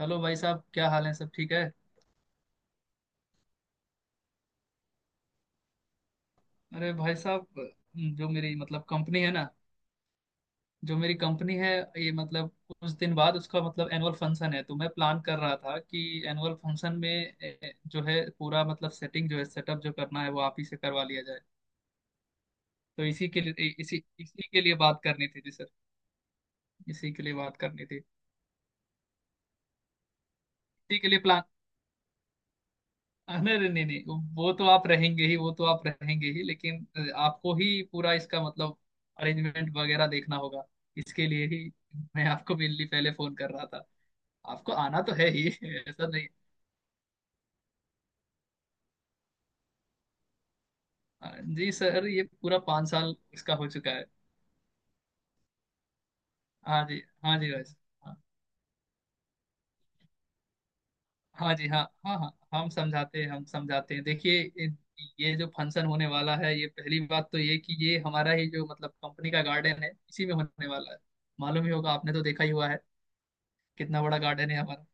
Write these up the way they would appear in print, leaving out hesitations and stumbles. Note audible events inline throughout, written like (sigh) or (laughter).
Hello भाई साहब, क्या हाल है? सब ठीक है? अरे भाई साहब, जो मेरी कंपनी है ना। जो मेरी कंपनी है ये कुछ दिन बाद उसका एनुअल फंक्शन है। तो मैं प्लान कर रहा था कि एनुअल फंक्शन में जो है पूरा सेटिंग जो है, सेटअप जो करना है वो आप ही से करवा लिया जाए। तो इसी के लिए, इसी इसी के लिए बात करनी थी जी सर। इसी के लिए बात करनी थी। इसी के लिए प्लान। अरे नहीं नहीं नहीं, वो तो आप रहेंगे ही, वो तो आप रहेंगे ही, लेकिन आपको ही पूरा इसका अरेंजमेंट वगैरह देखना होगा। इसके लिए ही मैं आपको मेनली पहले फोन कर रहा था। आपको आना तो है ही (laughs) ऐसा नहीं। अ, जी सर, ये पूरा पाँच साल इसका हो चुका है। हाँ जी, हाँ जी भाई साहब। हाँ। हाँ जी, हाँ हाँ हाँ। हम समझाते हैं, हम समझाते हैं। देखिए ये जो फंक्शन होने वाला है, ये पहली बात तो ये कि ये हमारा ही जो कंपनी का गार्डन है इसी में होने वाला है। मालूम ही होगा, आपने तो देखा ही हुआ है कितना बड़ा गार्डन है हमारा।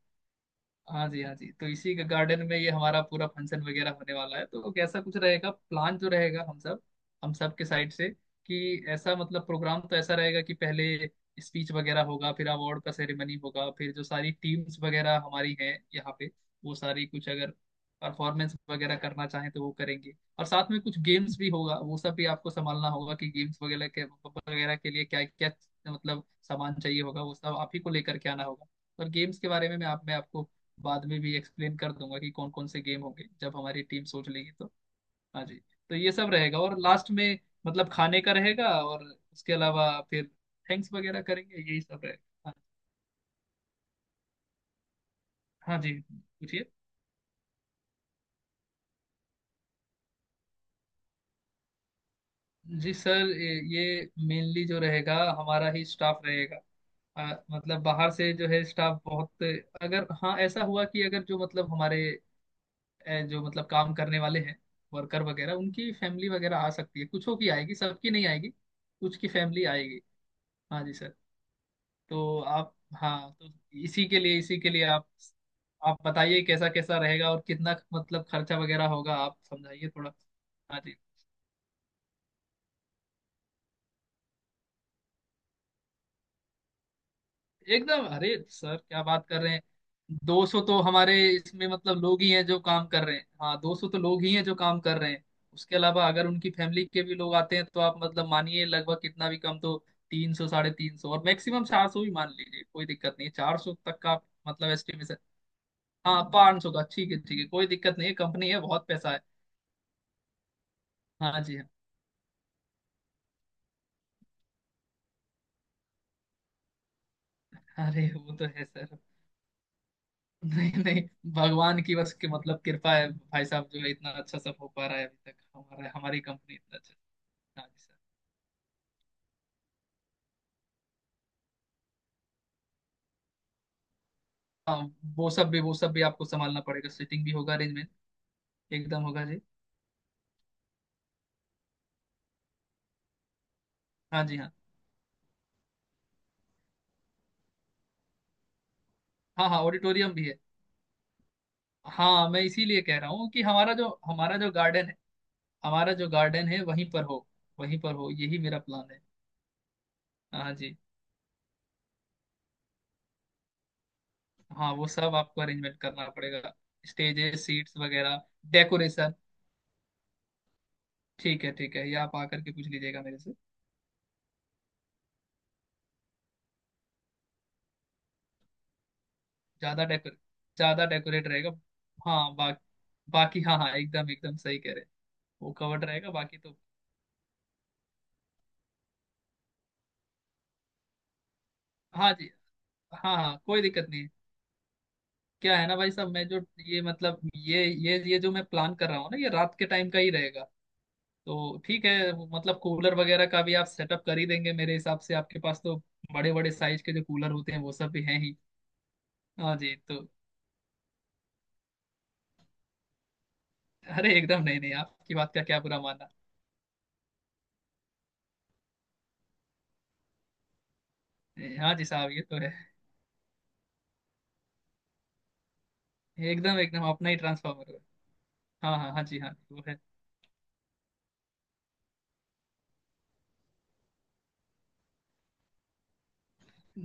हाँ जी, हाँ जी। तो इसी के गार्डन में ये हमारा पूरा फंक्शन वगैरह होने वाला है। तो कैसा कुछ रहेगा, प्लान जो रहेगा हम सब, हम सब के साइड से, कि ऐसा प्रोग्राम तो ऐसा रहेगा कि पहले स्पीच वगैरह होगा, फिर अवार्ड का सेरेमनी होगा, फिर जो सारी टीम्स वगैरह हमारी हैं यहाँ पे वो सारी कुछ अगर परफॉर्मेंस वगैरह करना चाहें तो वो करेंगे। और साथ में कुछ गेम्स भी होगा, वो सब भी आपको संभालना होगा कि गेम्स वगैरह के लिए क्या क्या सामान चाहिए होगा, वो सब आप ही को लेकर के आना होगा। और गेम्स के बारे में मैं आपको बाद में भी एक्सप्लेन कर दूंगा कि कौन कौन से गेम होंगे जब हमारी टीम सोच लेगी तो। हाँ जी। तो ये सब रहेगा, और लास्ट में खाने का रहेगा, और उसके अलावा फिर थैंक्स वगैरह करेंगे। यही सब रहेगा। हाँ। हाँ जी, पूछिए। जी सर, ये मेनली जो रहेगा हमारा ही स्टाफ रहेगा। बाहर से जो है स्टाफ बहुत, अगर हाँ ऐसा हुआ कि अगर जो हमारे जो काम करने वाले हैं, वर्कर वगैरह, उनकी फैमिली वगैरह आ सकती है। कुछों की आएगी, सबकी नहीं आएगी। कुछ की फैमिली आएगी। हाँ जी सर। तो आप। हाँ तो इसी के लिए, इसी के लिए आप बताइए कैसा कैसा रहेगा और कितना खर्चा वगैरह होगा, आप समझाइए थोड़ा। हाँ जी। एकदम, अरे सर क्या बात कर रहे हैं! दो सौ तो हमारे इसमें लोग ही हैं जो काम कर रहे हैं, हाँ दो सौ तो लोग ही हैं जो काम कर रहे हैं। उसके अलावा अगर उनकी फैमिली के भी लोग आते हैं तो आप मानिए लगभग, कितना भी कम तो तीन सौ, साढ़े तीन सौ, और मैक्सिमम चार सौ भी मान लीजिए, कोई दिक्कत नहीं है। चार सौ तक का आप एस्टिमेशन। हाँ, पाँच सौ का ठीक है, ठीक है, कोई दिक्कत नहीं है। कंपनी है, बहुत पैसा है। हाँ जी। हाँ, अरे वो तो है सर। नहीं नहीं, भगवान की बस के कृपा है भाई साहब, जो है इतना अच्छा सब हो पा रहा है अभी तक हमारा, हमारी कंपनी इतना अच्छा। हाँ जी सर। हाँ, वो सब भी, वो सब भी आपको संभालना पड़ेगा। सीटिंग भी होगा अरेंजमेंट। एकदम होगा जी। हाँ जी, हाँ हाँ हाँ, ऑडिटोरियम भी है। हाँ, मैं इसीलिए कह रहा हूँ कि हमारा जो, हमारा जो गार्डन है वहीं पर हो, वहीं पर हो, यही मेरा प्लान है। हाँ जी। हाँ, वो सब आपको अरेंजमेंट करना पड़ेगा। स्टेजेस, सीट्स वगैरह, डेकोरेशन। ठीक है ठीक है, ये आप आकर के पूछ लीजिएगा मेरे से। ज्यादा डेकोर, ज्यादा डेकोरेट रहेगा। हाँ बा, बाकी हाँ हाँ एकदम एकदम सही कह रहे हैं। वो कवर्ड रहेगा, बाकी तो। हाँ जी, हाँ हाँ कोई दिक्कत नहीं है। क्या है ना भाई साहब, मैं जो ये ये जो मैं प्लान कर रहा हूँ ना, ये रात के टाइम का ही रहेगा। तो ठीक है, वो कूलर वगैरह का भी आप सेटअप कर ही देंगे मेरे हिसाब से, आपके पास तो बड़े बड़े साइज के जो कूलर होते हैं वो सब भी हैं ही। हाँ जी। तो अरे एकदम नहीं नहीं, आपकी बात का क्या बुरा मानना! हाँ जी साहब, ये तो है, एकदम एकदम अपना ही ट्रांसफॉर्मर है। हाँ हाँ हाँ जी, हाँ वो है।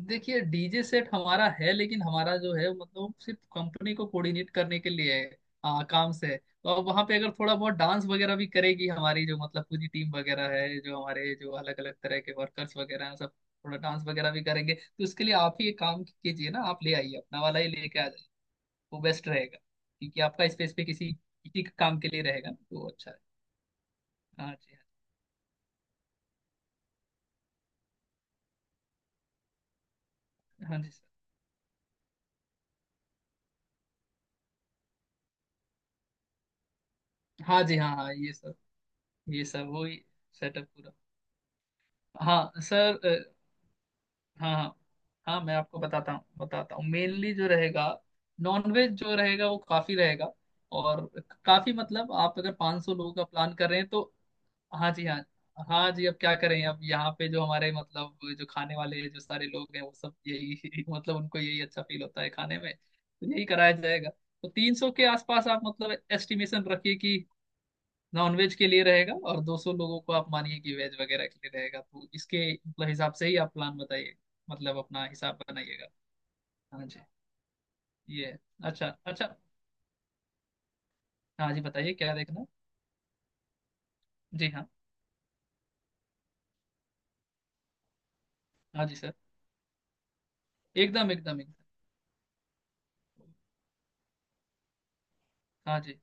देखिए डीजे सेट हमारा है, लेकिन हमारा जो है सिर्फ कंपनी को कोऑर्डिनेट करने के लिए है। हाँ, काम से है। तो अब वहाँ पे अगर थोड़ा बहुत डांस वगैरह भी करेगी हमारी जो पूरी टीम वगैरह है, जो हमारे जो अलग अलग तरह के वर्कर्स वगैरह हैं सब, थोड़ा डांस वगैरह भी करेंगे तो उसके लिए आप ही एक काम कीजिए ना, आप ले आइए, अपना वाला ही लेके आ जाइए, वो बेस्ट रहेगा। क्योंकि आपका स्पेस पे किसी किसी के काम के लिए रहेगा ना, तो वो अच्छा है। हाँ जी। हाँ हाँ जी सर। हाँ जी, हाँ हाँ ये सब, ये सब वही सेटअप पूरा। हाँ सर अ, हाँ हाँ हाँ, मैं आपको बताता हूँ, बताता हूँ। मेनली जो रहेगा, नॉनवेज जो रहेगा वो काफ़ी रहेगा। और काफ़ी आप अगर 500 लोगों का प्लान कर रहे हैं तो। हाँ जी। हाँ हाँ जी, अब क्या करें, अब यहाँ पे जो हमारे जो खाने वाले जो सारे लोग हैं वो सब यही (laughs) उनको यही अच्छा फील होता है खाने में, तो यही कराया जाएगा। तो तीन सौ के आसपास आप एस्टिमेशन रखिए कि नॉन वेज के लिए रहेगा, और दो सौ लोगों को आप मानिए कि वेज वगैरह के लिए रहेगा। तो इसके हिसाब से ही आप प्लान बताइए, अपना हिसाब बनाइएगा। हाँ जी, ये है। अच्छा अच्छा। हाँ जी, बताइए क्या देखना। जी, हाँ हाँ जी सर, एकदम एकदम एकदम। हाँ जी,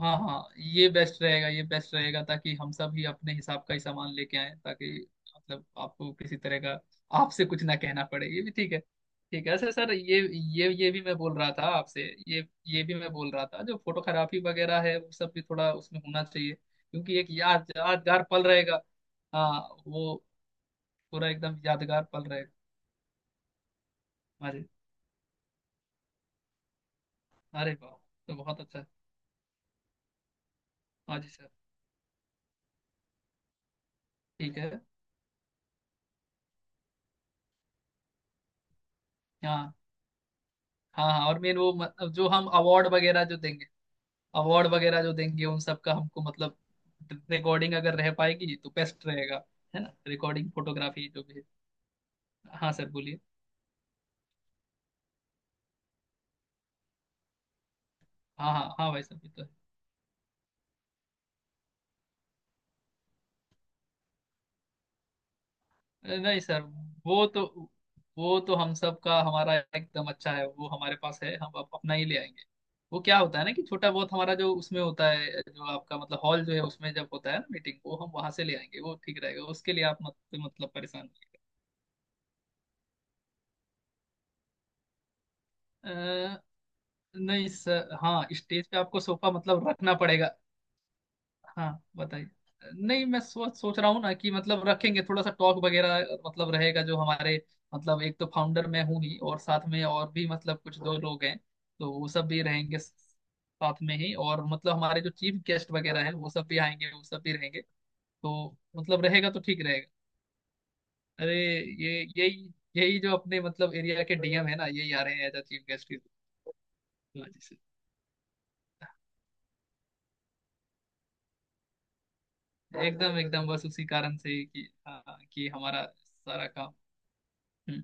हाँ हाँ, ये बेस्ट रहेगा, ये बेस्ट रहेगा ताकि हम सब ही अपने हिसाब का ही सामान लेके आए, ताकि आपको किसी तरह का, आपसे कुछ ना कहना पड़े, ये भी ठीक है। ठीक है सर, सर ये, ये भी मैं बोल रहा था आपसे ये भी मैं बोल रहा था, जो फोटोग्राफी वगैरह है वो सब भी थोड़ा उसमें होना चाहिए क्योंकि एक यादगार पल रहेगा। हाँ, वो पूरा एकदम यादगार पल रहेगा। अरे, अरे वाह तो बहुत अच्छा। हाँ जी सर। ठीक है। हाँ हाँ, हाँ और मेन वो जो हम अवार्ड वगैरह जो देंगे, अवार्ड वगैरह जो देंगे उन सब का हमको रिकॉर्डिंग अगर रह पाएगी तो बेस्ट रहेगा। है ना, रिकॉर्डिंग, फोटोग्राफी जो भी है। हाँ सर, बोलिए। हाँ हाँ हाँ भाई साहब ये तो है, नहीं सर, वो तो, वो तो हम सब का हमारा एकदम अच्छा है, वो हमारे पास है, हम अपना ही ले आएंगे। वो क्या होता है ना कि छोटा बहुत हमारा जो उसमें होता है, जो आपका हॉल जो है उसमें जब होता है ना मीटिंग, वो हम वहां से ले आएंगे, वो ठीक रहेगा। उसके लिए आप मत मतलब परेशान मत होइए। नहीं सर, हाँ स्टेज पे आपको सोफा रखना पड़ेगा। हाँ बताइए। नहीं, मैं सोच सोच रहा हूँ ना कि रखेंगे थोड़ा सा टॉक वगैरह रहेगा, जो हमारे, एक तो फाउंडर मैं हूँ ही, और साथ में और भी कुछ दो लोग हैं, तो वो सब भी रहेंगे साथ में ही, और हमारे जो चीफ गेस्ट वगैरह हैं वो सब भी आएंगे, वो सब भी रहेंगे तो रहेगा, तो ठीक रहेगा। अरे ये, यही यही जो अपने एरिया के डीएम है ना, यही आ रहे हैं एज चीफ गेस्ट। हाँ जी सर, एकदम एकदम, बस उसी कारण से ही कि हाँ कि हमारा सारा काम। हम्म।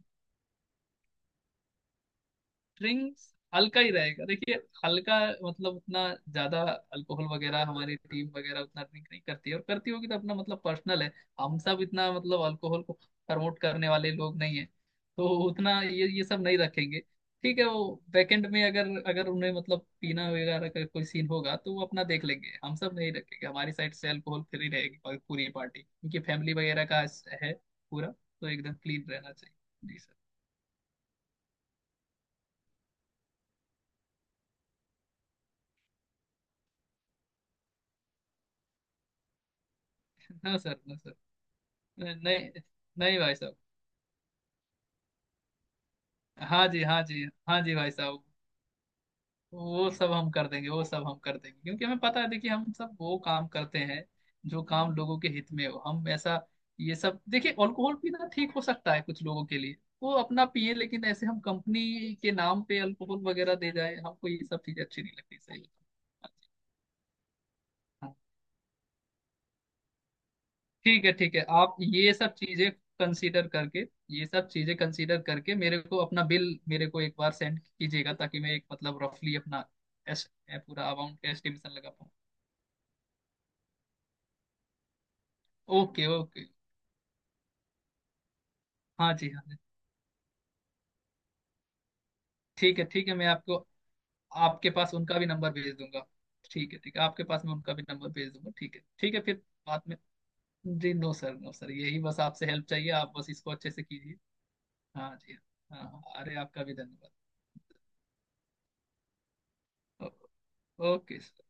ड्रिंक्स हल्का ही रहेगा देखिए, हल्का, उतना ज्यादा अल्कोहल वगैरह हमारी टीम वगैरह उतना ड्रिंक नहीं करती है, और करती होगी तो अपना पर्सनल है। हम सब इतना अल्कोहल को प्रमोट करने वाले लोग नहीं है, तो उतना ये सब नहीं रखेंगे। ठीक है, वो बैकएंड में अगर, अगर उन्हें पीना वगैरह का कोई सीन होगा तो वो अपना देख लेंगे। हम सब नहीं रखेंगे, हमारी साइड से अल्कोहल फ्री रहेगी और पूरी पार्टी, क्योंकि फैमिली वगैरह का है, पूरा तो एकदम क्लीन रहना चाहिए। जी सर। हाँ सर, हाँ सर, नहीं नहीं भाई साहब। हाँ जी, हाँ जी हाँ जी भाई साहब, वो सब हम कर देंगे, वो सब हम कर देंगे, क्योंकि हमें पता है, देखिए हम सब वो काम करते हैं जो काम लोगों के हित में हो। हम ऐसा, ये सब देखिए अल्कोहल पीना ठीक हो सकता है कुछ लोगों के लिए, वो अपना पिए, लेकिन ऐसे हम कंपनी के नाम पे अल्कोहल वगैरह दे जाए, हमको ये सब चीजें अच्छी नहीं लगती। सही है। हाँ, ठीक है आप ये सब चीजें कंसीडर करके, ये सब चीजें कंसीडर करके मेरे को अपना बिल, मेरे को एक बार सेंड कीजिएगा, ताकि मैं एक रफली अपना पूरा अमाउंट का एस्टिमेशन लगा पाऊँ। Okay okay. हाँ जी, हाँ जी। ठीक है ठीक है, मैं आपको आपके पास उनका भी नंबर भेज दूंगा। ठीक है ठीक है, आपके पास मैं उनका भी नंबर भेज दूंगा, ठीक है ठीक है, फिर बाद में। जी नो सर, नो सर, यही बस आपसे हेल्प चाहिए, आप बस इसको अच्छे से कीजिए। हाँ जी। हाँ हाँ, अरे आपका भी धन्यवाद। ओ- ओके सर।